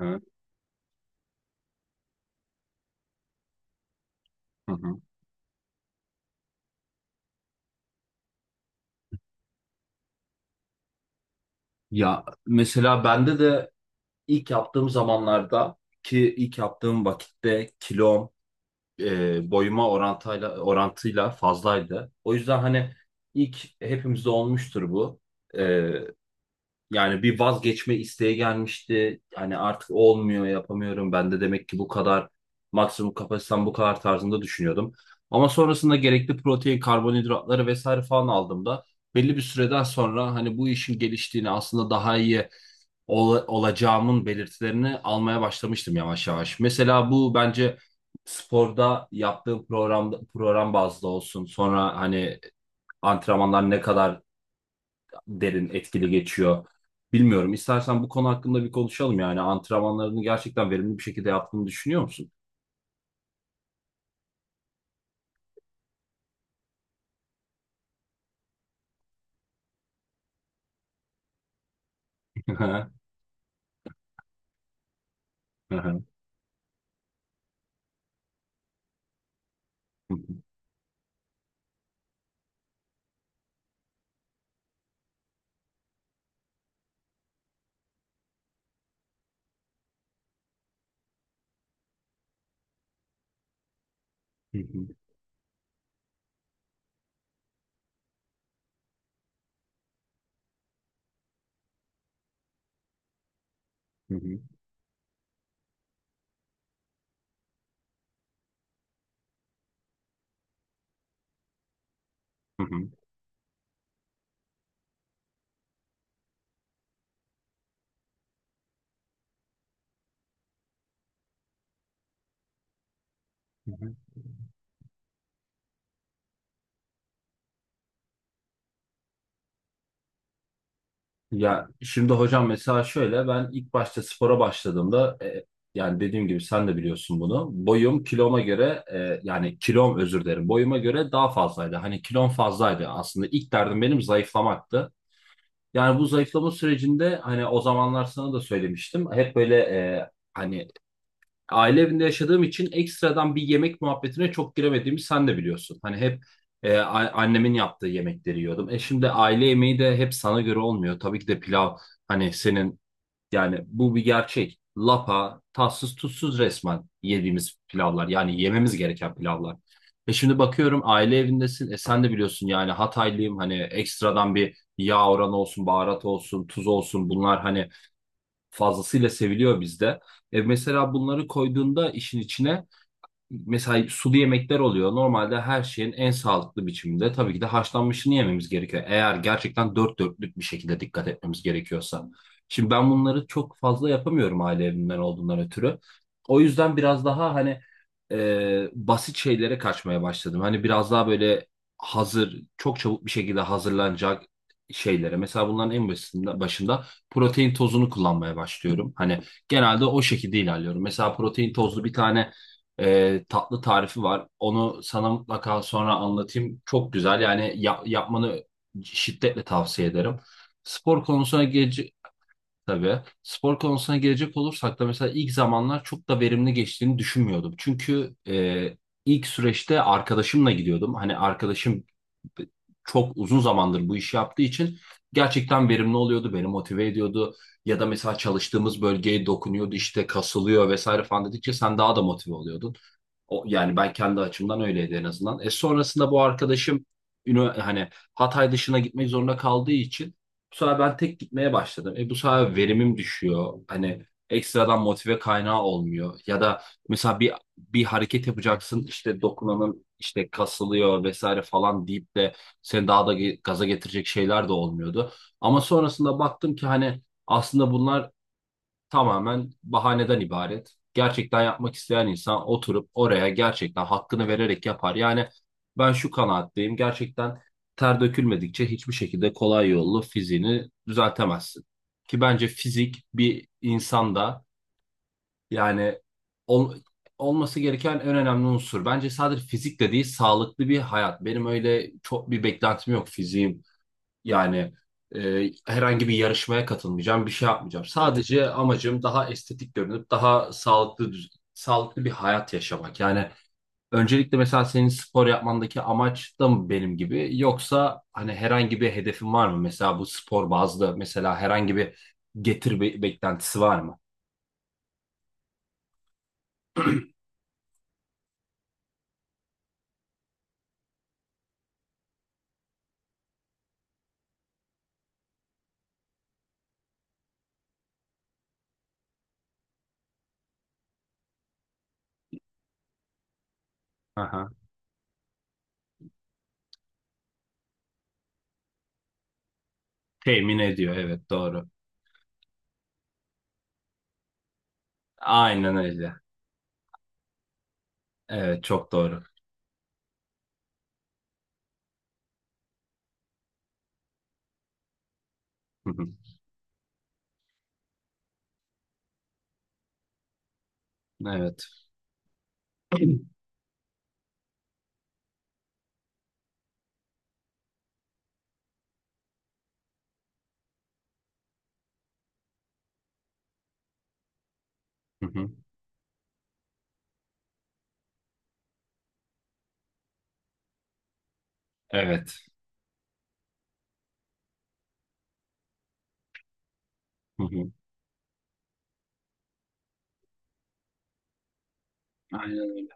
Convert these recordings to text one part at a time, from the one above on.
Evet. Hı hı. Ya mesela bende de ilk yaptığım zamanlarda ki ilk yaptığım vakitte kilom boyuma orantıyla fazlaydı. O yüzden hani ilk hepimizde olmuştur bu. E, Yani bir vazgeçme isteği gelmişti. Hani artık olmuyor, yapamıyorum. Ben de demek ki bu kadar maksimum kapasitem bu kadar tarzında düşünüyordum. Ama sonrasında gerekli protein, karbonhidratları vesaire falan aldığımda belli bir süreden sonra hani bu işin geliştiğini aslında daha iyi olacağımın belirtilerini almaya başlamıştım yavaş yavaş. Mesela bu bence sporda yaptığım programda program bazlı olsun. Sonra hani antrenmanlar ne kadar derin etkili geçiyor. Bilmiyorum. İstersen bu konu hakkında bir konuşalım yani. Antrenmanlarını gerçekten verimli bir şekilde yaptığını düşünüyor musun? Ya şimdi hocam mesela şöyle ben ilk başta spora başladığımda yani dediğim gibi sen de biliyorsun bunu. Boyum kiloma göre yani kilom, özür dilerim, boyuma göre daha fazlaydı. Hani kilom fazlaydı, aslında ilk derdim benim zayıflamaktı. Yani bu zayıflama sürecinde hani o zamanlar sana da söylemiştim. Hep böyle hani aile evinde yaşadığım için ekstradan bir yemek muhabbetine çok giremediğimi sen de biliyorsun. Hani hep annemin yaptığı yemekleri yiyordum. Şimdi aile yemeği de hep sana göre olmuyor. Tabii ki de pilav, hani senin, yani bu bir gerçek. Lapa, tatsız tuzsuz resmen yediğimiz pilavlar. Yani yememiz gereken pilavlar. Şimdi bakıyorum, aile evindesin. Sen de biliyorsun yani Hataylıyım. Hani ekstradan bir yağ oranı olsun, baharat olsun, tuz olsun, bunlar hani fazlasıyla seviliyor bizde. Mesela bunları koyduğunda işin içine mesela sulu yemekler oluyor. Normalde her şeyin en sağlıklı biçiminde tabii ki de haşlanmışını yememiz gerekiyor. Eğer gerçekten dört dörtlük bir şekilde dikkat etmemiz gerekiyorsa. Şimdi ben bunları çok fazla yapamıyorum aile evimden olduğundan ötürü. O yüzden biraz daha hani basit şeylere kaçmaya başladım. Hani biraz daha böyle hazır, çok çabuk bir şekilde hazırlanacak şeylere. Mesela bunların en başında protein tozunu kullanmaya başlıyorum. Hani genelde o şekilde ilerliyorum. Mesela protein tozlu bir tane tatlı tarifi var. Onu sana mutlaka sonra anlatayım. Çok güzel, yani yapmanı şiddetle tavsiye ederim. Spor konusuna geç, Tabii. Spor konusuna gelecek olursak da mesela ilk zamanlar çok da verimli geçtiğini düşünmüyordum. Çünkü ilk süreçte arkadaşımla gidiyordum. Hani arkadaşım çok uzun zamandır bu işi yaptığı için gerçekten verimli oluyordu, beni motive ediyordu. Ya da mesela çalıştığımız bölgeye dokunuyordu, işte kasılıyor vesaire falan dedikçe sen daha da motive oluyordun. O, yani ben kendi açımdan öyleydi en azından. Sonrasında bu arkadaşım hani Hatay dışına gitmek zorunda kaldığı için bu sefer ben tek gitmeye başladım. Bu sefer verimim düşüyor. Hani ekstradan motive kaynağı olmuyor. Ya da mesela bir hareket yapacaksın, işte dokunanın işte kasılıyor vesaire falan deyip de seni daha da gaza getirecek şeyler de olmuyordu. Ama sonrasında baktım ki hani aslında bunlar tamamen bahaneden ibaret. Gerçekten yapmak isteyen insan oturup oraya gerçekten hakkını vererek yapar. Yani ben şu kanaatteyim. Gerçekten ter dökülmedikçe hiçbir şekilde kolay yollu fiziğini düzeltemezsin. Ki bence fizik bir insanda yani ol- olması gereken en önemli unsur. Bence sadece fizik değil, sağlıklı bir hayat. Benim öyle çok bir beklentim yok fiziğim, yani herhangi bir yarışmaya katılmayacağım, bir şey yapmayacağım. Sadece amacım daha estetik görünüp daha sağlıklı, sağlıklı bir hayat yaşamak. Yani öncelikle mesela senin spor yapmandaki amaç da mı benim gibi, yoksa hani herhangi bir hedefin var mı? Mesela bu spor bazlı mesela herhangi bir beklentisi var mı? Aha. Temin ediyor, evet, doğru. Aynen öyle. Evet, çok doğru. Hı hı. Evet. Hı hı. Evet. Hı hı. Aynen öyle.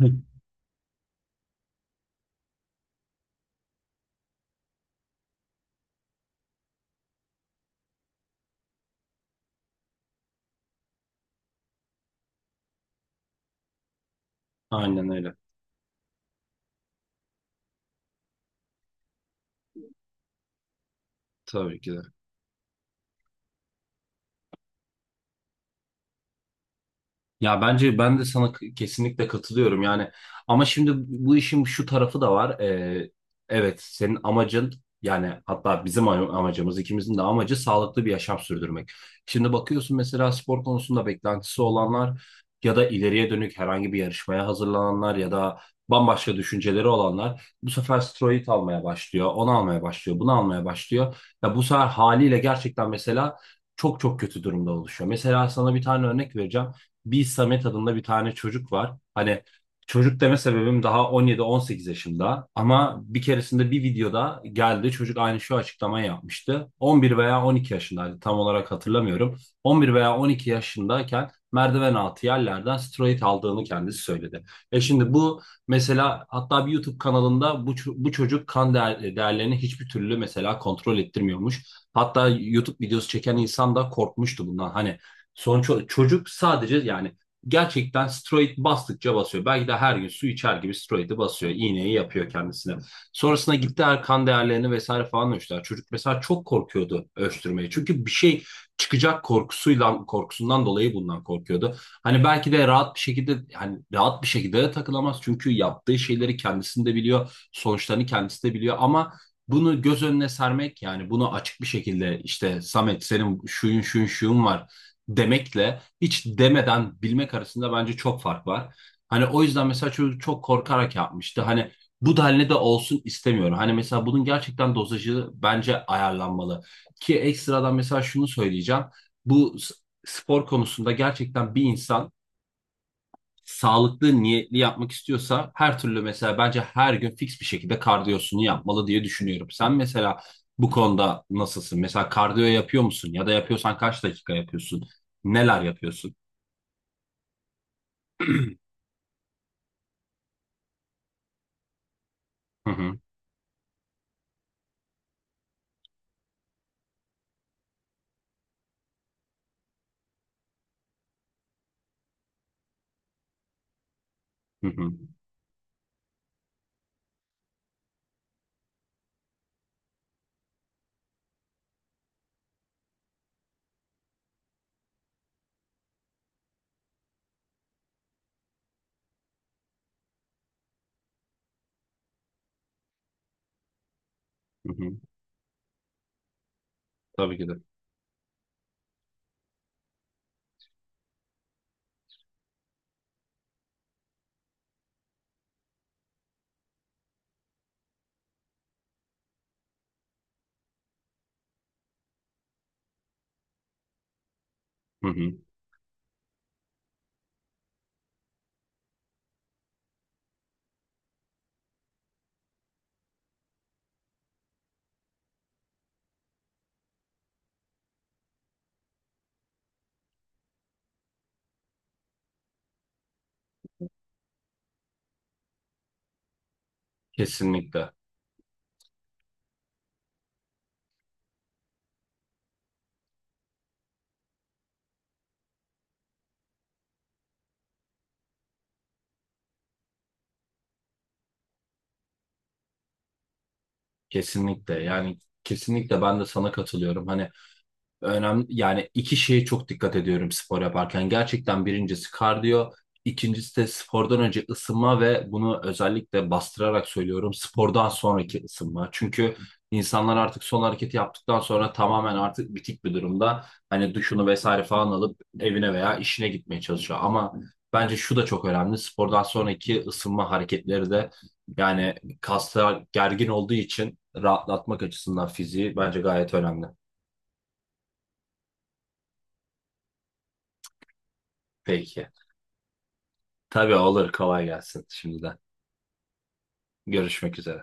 Hı. Aynen öyle. Tabii ki de. Ya bence ben de sana kesinlikle katılıyorum yani, ama şimdi bu işin şu tarafı da var. Evet, senin amacın, yani hatta bizim amacımız, ikimizin de amacı sağlıklı bir yaşam sürdürmek. Şimdi bakıyorsun, mesela spor konusunda beklentisi olanlar ya da ileriye dönük herhangi bir yarışmaya hazırlananlar ya da bambaşka düşünceleri olanlar bu sefer steroid almaya başlıyor, onu almaya başlıyor, bunu almaya başlıyor. Ya bu sefer haliyle gerçekten mesela çok çok kötü durumda oluşuyor. Mesela sana bir tane örnek vereceğim, bir Samet adında bir tane çocuk var. Hani çocuk deme sebebim, daha 17-18 yaşında ama bir keresinde bir videoda geldi, çocuk aynı şu açıklamayı yapmıştı. 11 veya 12 yaşındaydı, tam olarak hatırlamıyorum. 11 veya 12 yaşındayken merdiven altı yerlerden steroid aldığını kendisi söyledi. Şimdi bu, mesela hatta bir YouTube kanalında bu çocuk, kan değerlerini hiçbir türlü mesela kontrol ettirmiyormuş. Hatta YouTube videosu çeken insan da korkmuştu bundan. Hani sonuç çocuk sadece, yani gerçekten steroid bastıkça basıyor. Belki de her gün su içer gibi steroidi basıyor. İğneyi yapıyor kendisine. Sonrasında gittiler, kan değerlerini vesaire falan ölçtüler. Çocuk mesela çok korkuyordu ölçtürmeye. Çünkü bir şey çıkacak korkusuyla, korkusundan dolayı bundan korkuyordu. Hani belki de rahat bir şekilde, hani rahat bir şekilde de takılamaz. Çünkü yaptığı şeyleri kendisinde biliyor, sonuçlarını kendisi de biliyor, ama bunu göz önüne sermek, yani bunu açık bir şekilde işte Samet senin şuyun şuyun şuyun var demekle hiç demeden bilmek arasında bence çok fark var. Hani o yüzden mesela çocuk çok korkarak yapmıştı. Hani bu denli de olsun istemiyorum. Hani mesela bunun gerçekten dozajı bence ayarlanmalı. Ki ekstradan mesela şunu söyleyeceğim. Bu s- Spor konusunda gerçekten bir insan sağlıklı niyetli yapmak istiyorsa her türlü mesela bence her gün fix bir şekilde kardiyosunu yapmalı diye düşünüyorum. Sen mesela bu konuda nasılsın? Mesela kardiyo yapıyor musun? Ya da yapıyorsan kaç dakika yapıyorsun? Neler yapıyorsun? Hı hı, hı hı, hı hı. Tabii ki de. Hı hı. Kesinlikle. Kesinlikle. Yani kesinlikle ben de sana katılıyorum. Hani önemli, yani iki şeye çok dikkat ediyorum spor yaparken. Gerçekten birincisi kardiyo, ikincisi de spordan önce ısınma ve bunu özellikle bastırarak söylüyorum, spordan sonraki ısınma. Çünkü insanlar artık son hareketi yaptıktan sonra tamamen artık bitik bir durumda. Hani duşunu vesaire falan alıp evine veya işine gitmeye çalışıyor. Ama bence şu da çok önemli. Spordan sonraki ısınma hareketleri de yani kaslar gergin olduğu için rahatlatmak açısından fiziği bence gayet önemli. Peki. Tabii olur. Kolay gelsin şimdiden. Görüşmek üzere.